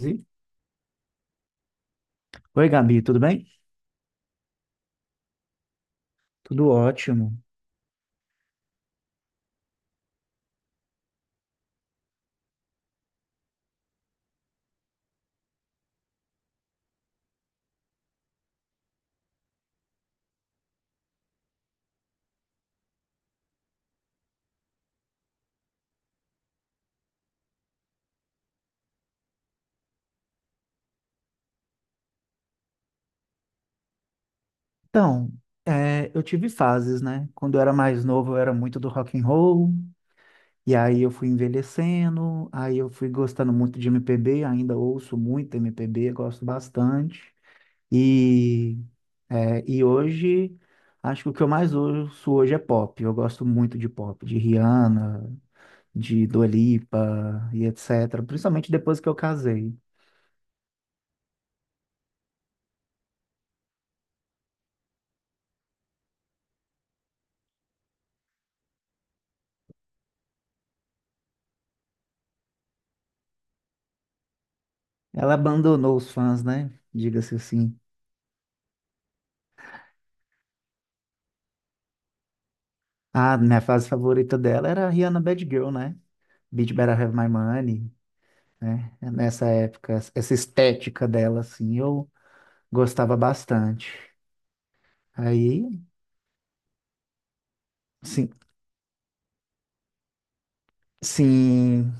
Oi, Gabi, tudo bem? Tudo ótimo. Então, eu tive fases, né? Quando eu era mais novo, eu era muito do rock and roll, e aí eu fui envelhecendo, aí eu fui gostando muito de MPB, ainda ouço muito MPB, gosto bastante. E, e hoje, acho que o que eu mais ouço hoje é pop. Eu gosto muito de pop, de Rihanna, de Dua Lipa e etc. Principalmente depois que eu casei. Ela abandonou os fãs, né? Diga-se assim. Ah, minha fase favorita dela era a Rihanna Bad Girl, né? Beat Better Have My Money, né? Nessa época, essa estética dela, assim, eu gostava bastante. Aí, sim, sim.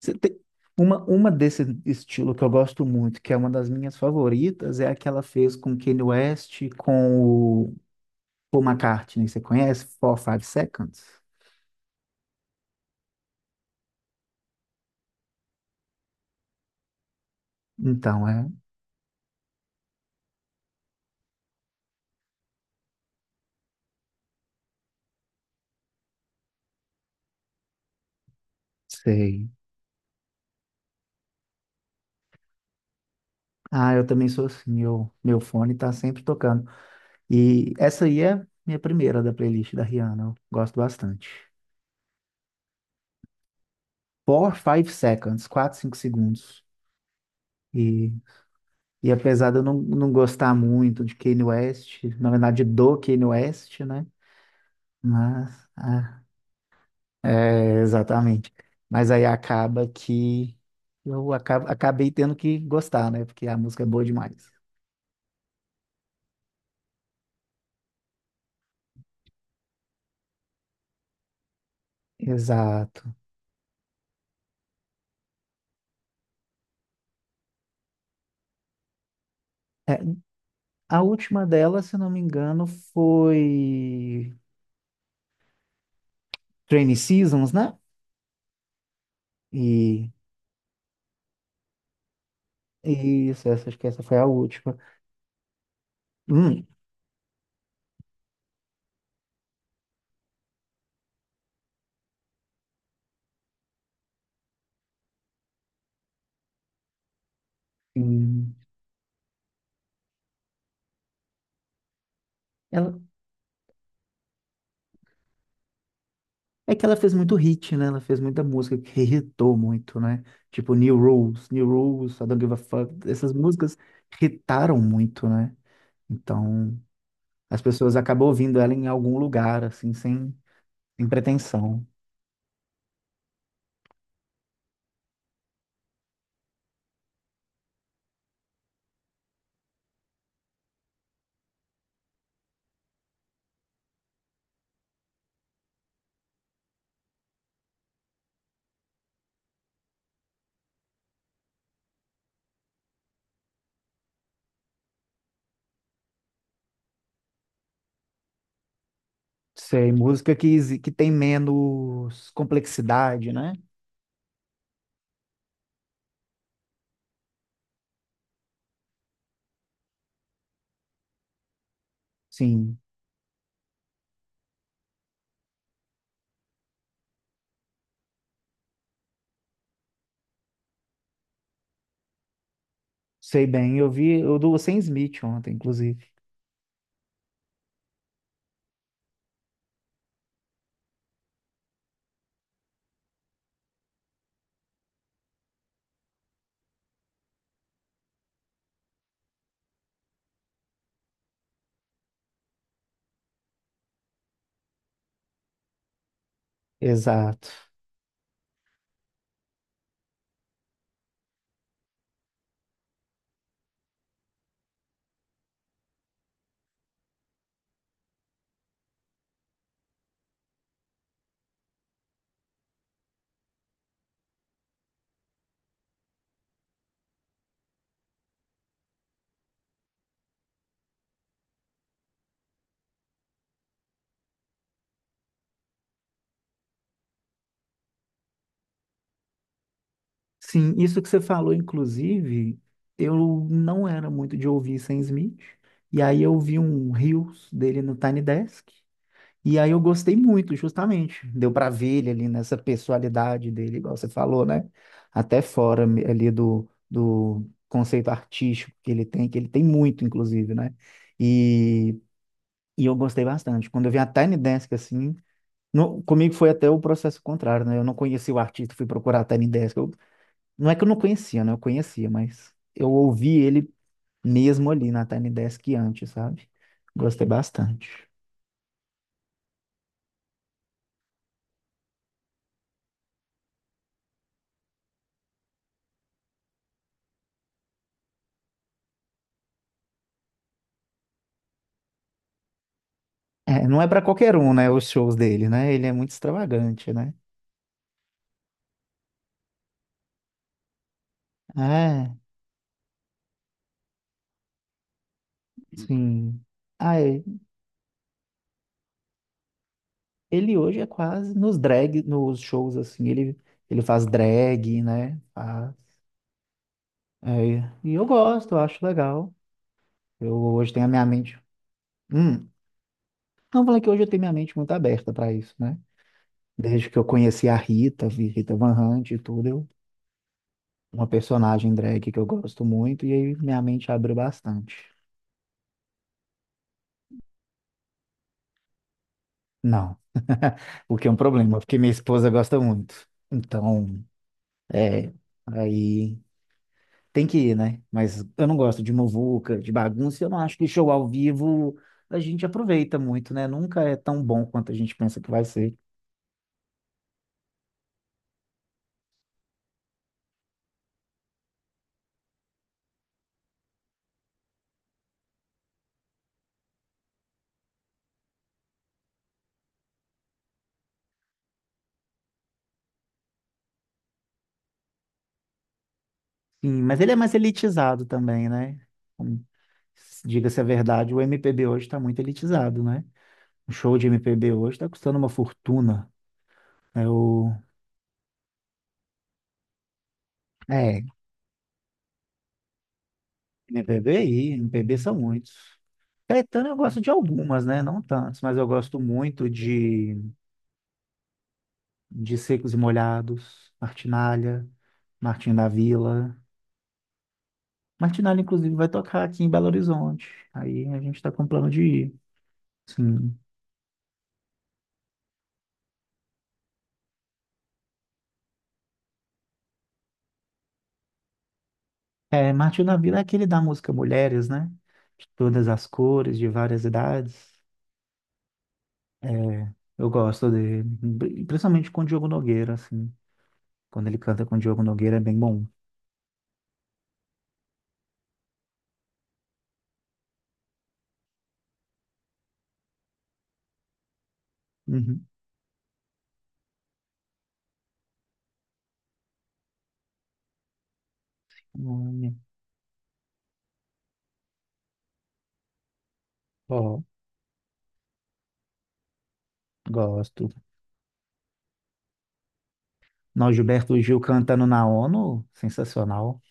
Você tem- uma desse estilo que eu gosto muito, que é uma das minhas favoritas, é a que ela fez com Kanye West, com o Paul McCartney. Você conhece? Four, Five Seconds? Então, sei. Ah, eu também sou assim, eu, meu fone tá sempre tocando. E essa aí é minha primeira da playlist da Rihanna. Eu gosto bastante. Four, Five Seconds, 4 5 segundos. E, e apesar de eu não gostar muito de Kanye West, na verdade do Kanye West, né? Mas, exatamente. Mas aí acaba que eu acabei tendo que gostar, né? Porque a música é boa demais. Exato. É, a última dela, se não me engano, foi Trainy Seasons, né? E isso, essa, acho que essa foi a última. Hum, hum. Ela, é que ela fez muito hit, né? Ela fez muita música que irritou muito, né? Tipo New Rules, New Rules, I Don't Give a Fuck. Essas músicas irritaram muito, né? Então, as pessoas acabam ouvindo ela em algum lugar, assim, sem pretensão. Sei, música que tem menos complexidade, né? Sim, sei bem. Eu vi, eu do Sam Smith ontem, inclusive. Exato. Sim, isso que você falou, inclusive, eu não era muito de ouvir Sam Smith, e aí eu vi um Reels dele no Tiny Desk, e aí eu gostei muito, justamente. Deu pra ver ele ali nessa personalidade dele, igual você falou, né? Até fora ali do conceito artístico que ele tem muito, inclusive, né? E, e eu gostei bastante. Quando eu vi a Tiny Desk assim, comigo foi até o processo contrário, né? Eu não conheci o artista, fui procurar a Tiny Desk. Não é que eu não conhecia, né? Eu conhecia, mas eu ouvi ele mesmo ali na Tiny Desk antes, sabe? Gostei bastante. É, não é pra qualquer um, né? Os shows dele, né? Ele é muito extravagante, né? É, sim. Ah, é. Ele hoje é quase nos drag, nos shows assim, ele faz drag, né? Faz. É, e eu acho legal. Eu hoje tenho a minha mente. Hum, não falei que hoje eu tenho minha mente muito aberta para isso, né? Desde que eu conheci a Rita, vi Rita Van Hunt e tudo, uma personagem drag que eu gosto muito, e aí minha mente abriu bastante. Não, o que é um problema, porque minha esposa gosta muito. Então, é, aí tem que ir, né? Mas eu não gosto de muvuca, de bagunça, e eu não acho que show ao vivo a gente aproveita muito, né? Nunca é tão bom quanto a gente pensa que vai ser. Sim, mas ele é mais elitizado também, né? Como- Diga-se a verdade, o MPB hoje está muito elitizado, né? O show de MPB hoje está custando uma fortuna. É o... É, MPB aí, MPB são muitos. Caetano eu gosto de algumas, né? Não tantos, mas eu gosto muito de Secos e Molhados, Martinália, Martinho da Vila. Martinália, inclusive, vai tocar aqui em Belo Horizonte. Aí a gente tá com plano de ir. Sim. É, Martinho da Vila é aquele da música Mulheres, né? De todas as cores, de várias idades. É, eu gosto dele. Principalmente com o Diogo Nogueira, assim. Quando ele canta com o Diogo Nogueira é bem bom. Uhum. Olha. Ó, gosto. Não, Gilberto Gil cantando na ONU, sensacional.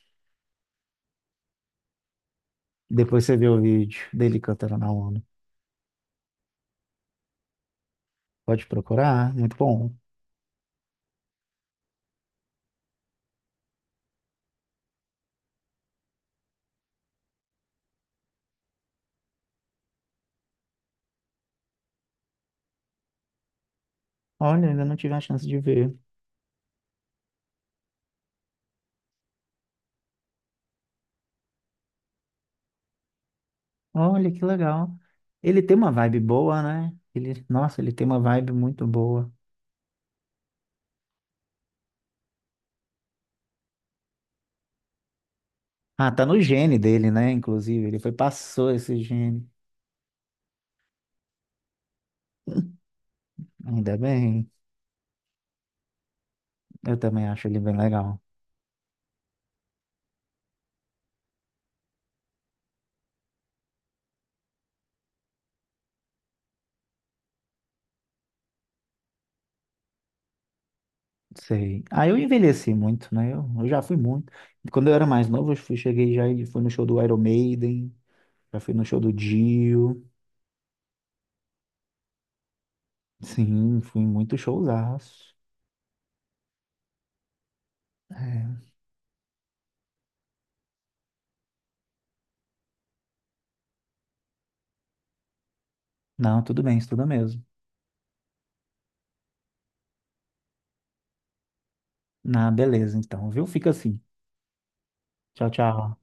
Depois você vê o vídeo dele cantando na ONU. Pode procurar, muito bom. Olha, ainda não tive a chance de ver. Olha, que legal. Ele tem uma vibe boa, né? Ele, nossa, ele tem uma vibe muito boa. Ah, tá no gene dele, né? Inclusive, ele passou esse gene. Ainda bem. Eu também acho ele bem legal. Sei. Ah, eu envelheci muito, né? Eu já fui muito. Quando eu era mais novo, eu cheguei já e fui no show do Iron Maiden. Já fui no show do Dio. Sim, fui em muitos showzaços. É. Não, tudo bem, isso tudo mesmo. Na beleza, então, viu? Fica assim. Tchau, tchau.